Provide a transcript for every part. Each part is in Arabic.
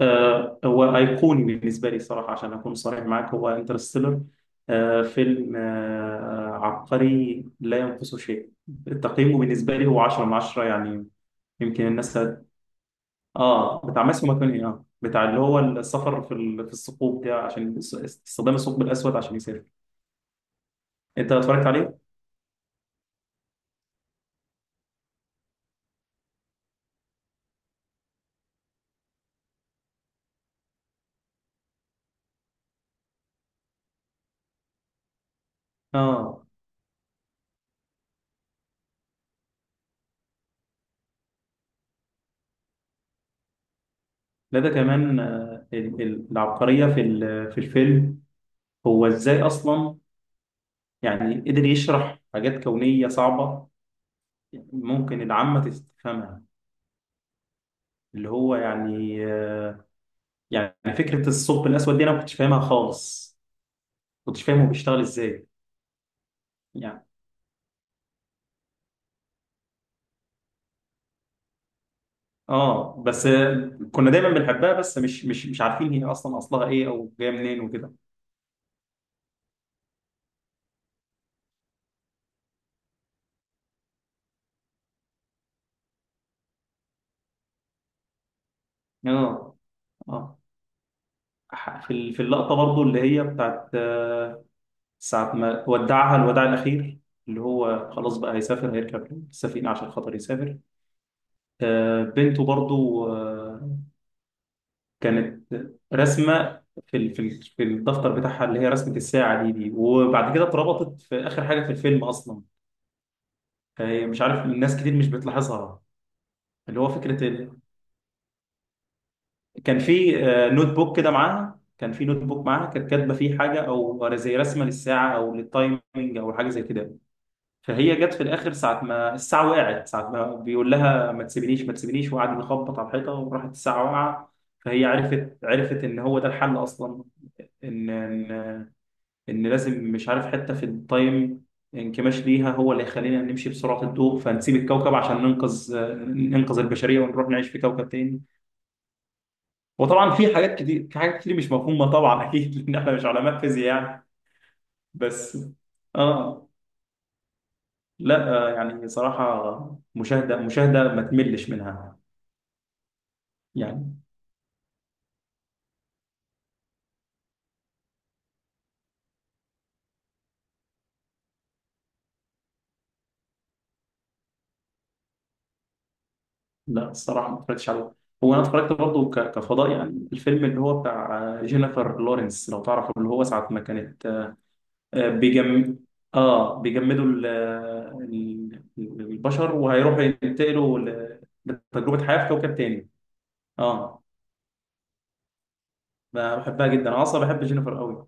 هو أيقوني بالنسبة لي صراحة عشان أكون صريح معك هو انترستيلر. فيلم عبقري لا ينقصه شيء. تقييمه بالنسبة لي هو 10 من 10 يعني. يمكن الناس هت... اه، بتاع ماسيو ماكوني، اه بتاع اللي هو السفر في الثقوب ده عشان استخدام الثقب الأسود عشان يسافر. أنت اتفرجت عليه؟ اه، لا ده كمان العبقرية في الفيلم، هو إزاي أصلا يعني قدر يشرح حاجات كونية صعبة ممكن العامة تفهمها. اللي هو يعني يعني فكرة الثقب الأسود دي أنا ما كنتش فاهمها خالص، ما كنتش فاهم هو بيشتغل إزاي يعني. آه بس آه، كنا دايما بنحبها بس مش عارفين هي أصلا أصلها إيه أو جاية منين وكده. آه، آه، في اللقطة برضو اللي هي بتاعت ساعة ما ودعها الوداع الأخير، اللي هو خلاص بقى هيسافر هيركب السفينة عشان خاطر يسافر. بنته برضو كانت رسمه في الدفتر بتاعها اللي هي رسمه الساعه دي وبعد كده اتربطت في اخر حاجه في الفيلم اصلا. فهي مش عارف الناس كتير مش بتلاحظها. اللي هو فكره ال... كان في نوت بوك كده معاها، كان في نوت بوك معاها كانت كاتبه فيه حاجه او زي رسمه للساعه او للتايمنج او حاجه زي كده. فهي جت في الاخر ساعه ما الساعه وقعت ساعه ما بيقول لها ما تسيبنيش ما تسيبنيش وقعد يخبط على الحيطه وراحت الساعه واقعه. فهي عرفت عرفت ان هو ده الحل اصلا، ان ان لازم مش عارف حته في التايم انكماش ليها هو اللي هيخلينا نمشي بسرعه الضوء فنسيب الكوكب عشان ننقذ، ننقذ البشريه ونروح نعيش في كوكب تاني. وطبعا في حاجات كتير، في حاجات كتير مش مفهومه طبعا اكيد لان احنا مش علماء فيزياء يعني. بس اه، لا يعني صراحه مشاهده مشاهده ما تملش منها يعني. لا الصراحه ما اتفرجتش عليه. هو انا اتفرجت برضه كفضاء يعني، الفيلم اللي هو بتاع جينيفر لورنس لو تعرفه، اللي هو ساعه ما كانت، آه، بيجم اه بيجمدوا ال- البشر وهيروحوا ينتقلوا لتجربة حياة في كوكب تاني. اه، بحبها جدا، انا اصلا بحب جينيفر قوي.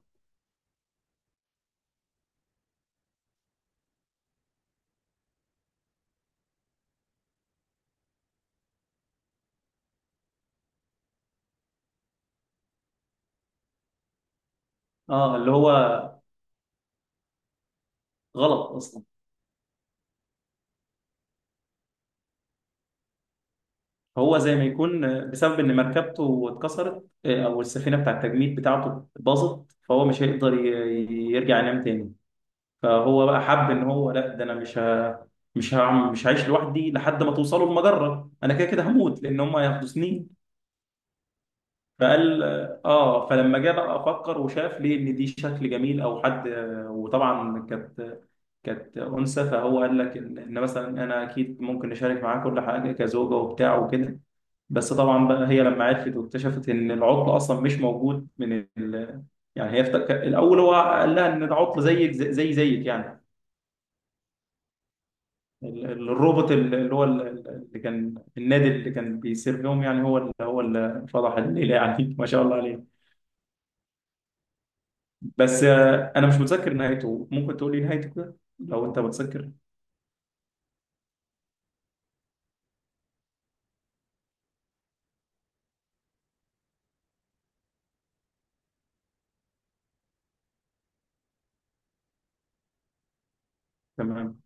اه اللي هو غلط اصلا. هو زي ما يكون بسبب ان مركبته اتكسرت، او السفينة بتاع التجميد بتاعته باظت فهو مش هيقدر يرجع ينام تاني. فهو بقى حب ان هو لا ده انا مش هعمل، مش هعيش لوحدي لحد ما توصلوا المجرة، انا كده كده هموت لان هم هيحبسوني. فقال، اه فلما جه بقى افكر وشاف ليه ان دي شكل جميل او حد، وطبعا كانت، كانت انثى فهو قال لك ان إن مثلا انا اكيد ممكن نشارك معاه كل حاجه كزوجه وبتاع وكده. بس طبعا بقى هي لما عرفت واكتشفت ان العطل اصلا مش موجود يعني هي الاول هو قال لها ان العطل زيك زي زي زيك يعني. الروبوت ال- اللي هو ال- ال- اللي كان النادي اللي كان بيسير لهم، يعني هو اللي، هو اللي فضح الليله يعني ما شاء الله عليه. بس انا مش متذكر نهايته، ممكن تقول لي نهايته كده لو انت متذكر. تمام،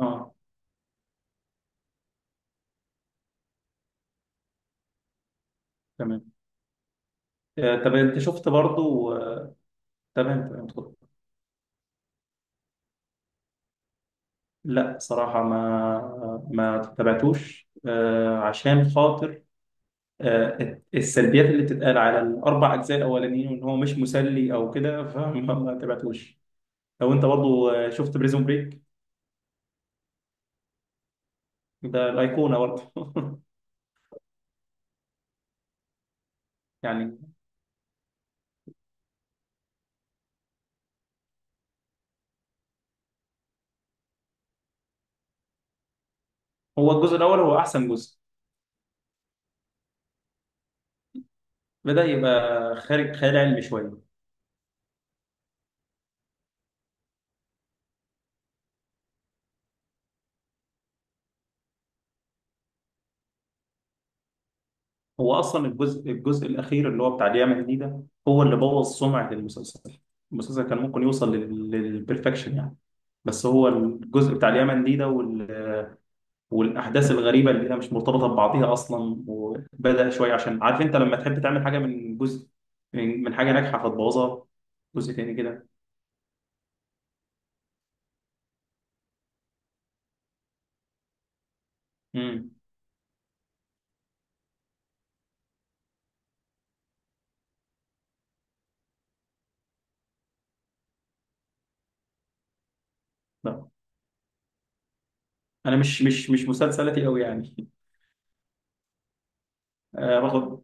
اه تمام. طب انت شفت برضو تمام تمام اتفضل. لا صراحة ما تابعتوش عشان خاطر السلبيات اللي بتتقال على الاربع اجزاء الاولانيين، وان هو مش مسلي او كده ما تابعتوش. لو انت برضو شفت بريزون بريك، ده الايقونة برضو يعني. هو الجزء الاول هو احسن جزء، بدأ يبقى خارج خيال علمي شوية. هو اصلا الجزء الاخير اللي هو بتاع اليمن دي، ده هو اللي بوظ سمعه المسلسل. المسلسل كان ممكن يوصل للبرفكشن يعني. بس هو الجزء بتاع اليمن دي ده والاحداث الغريبه اللي هي مش مرتبطه ببعضها اصلا، وبدا شويه عشان عارف انت لما تحب تعمل حاجه من جزء، من حاجه ناجحه فتبوظها. جزء تاني كده. امم، لا انا مش مسلسلاتي قوي يعني. آه، رغم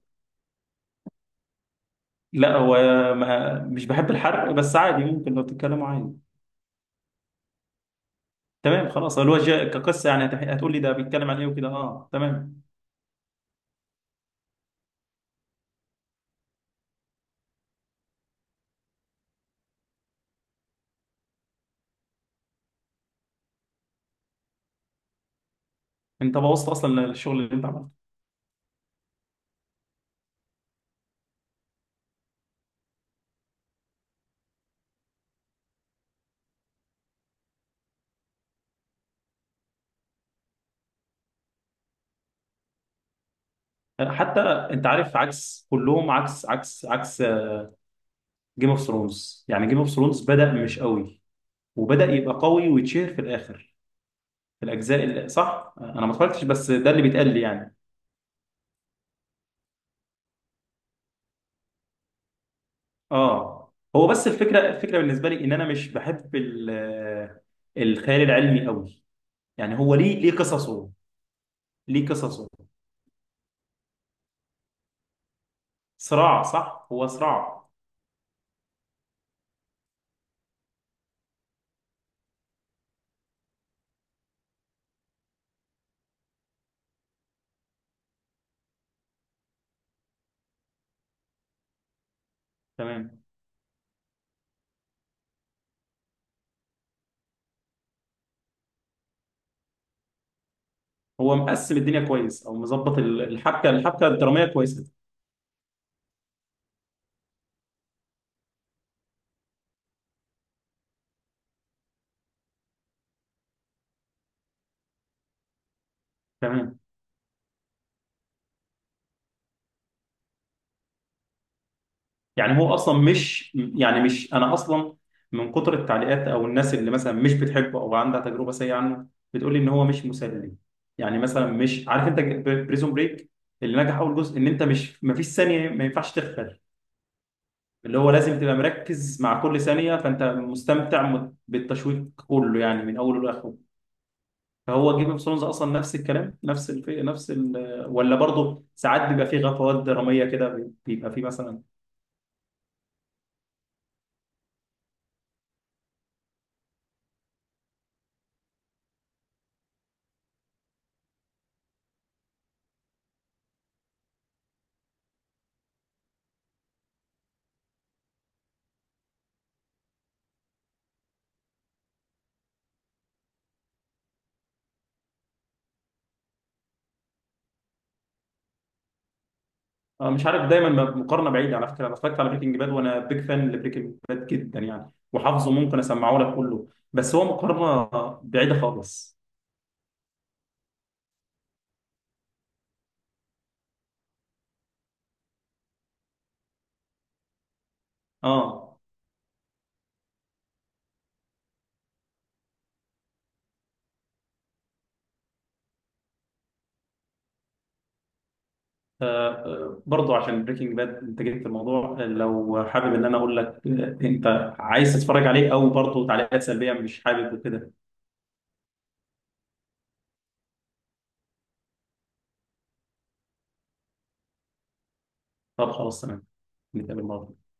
لا هو ما مش بحب الحرق بس عادي ممكن لو تتكلموا عادي. تمام خلاص، هو الوجه كقصه يعني هتقول لي ده بيتكلم عن ايه وكده، اه تمام. انت بوظت اصلا الشغل اللي انت عملته. حتى انت عارف عكس كلهم، عكس جيم اوف ثرونز. يعني جيم اوف ثرونز بدأ مش قوي، وبدأ يبقى قوي ويتشهر في الاخر في الاجزاء اللي صح. انا ما اتفرجتش بس ده اللي بيتقال لي يعني. اه هو بس الفكره، الفكره بالنسبه لي ان انا مش بحب الخيال العلمي قوي، يعني هو ليه، ليه قصصه، ليه قصصه صراع. صح هو صراع. تمام. هو مقسم الدنيا كويس، او مظبط الحبكه، الحبكه الدراميه كويسه. تمام. يعني هو اصلا مش يعني مش انا اصلا من كتر التعليقات او الناس اللي مثلا مش بتحبه او عندها تجربه سيئه عنه بتقول لي ان هو مش مسلي. يعني مثلا مش عارف انت، بريزون بريك اللي نجح اول جزء، ان انت مش، ما فيش ثانيه ما ينفعش تغفل، اللي هو لازم تبقى مركز مع كل ثانيه فانت مستمتع بالتشويق كله يعني من اوله لاخره. هو جيم اوف ثرونز اصلا نفس الكلام، نفس الف... نفس ال... ولا برضه ساعات بيبقى فيه غفوات دراميه كده، بيبقى فيه مثلا؟ أنا مش عارف دايما، مقارنه بعيده على فكره، انا اتفرجت على بريكنج باد وانا بيج فان لبريكنج باد جدا يعني، وحافظه ممكن اسمعه لك كله. بس هو مقارنه بعيده خالص. اه. آه. برضه عشان بريكنج باد انت جبت الموضوع، لو حابب ان انا اقول لك انت عايز تتفرج عليه او برضه تعليقات سلبيه مش حابب وكده. طب خلاص تمام، نتقابل مرة.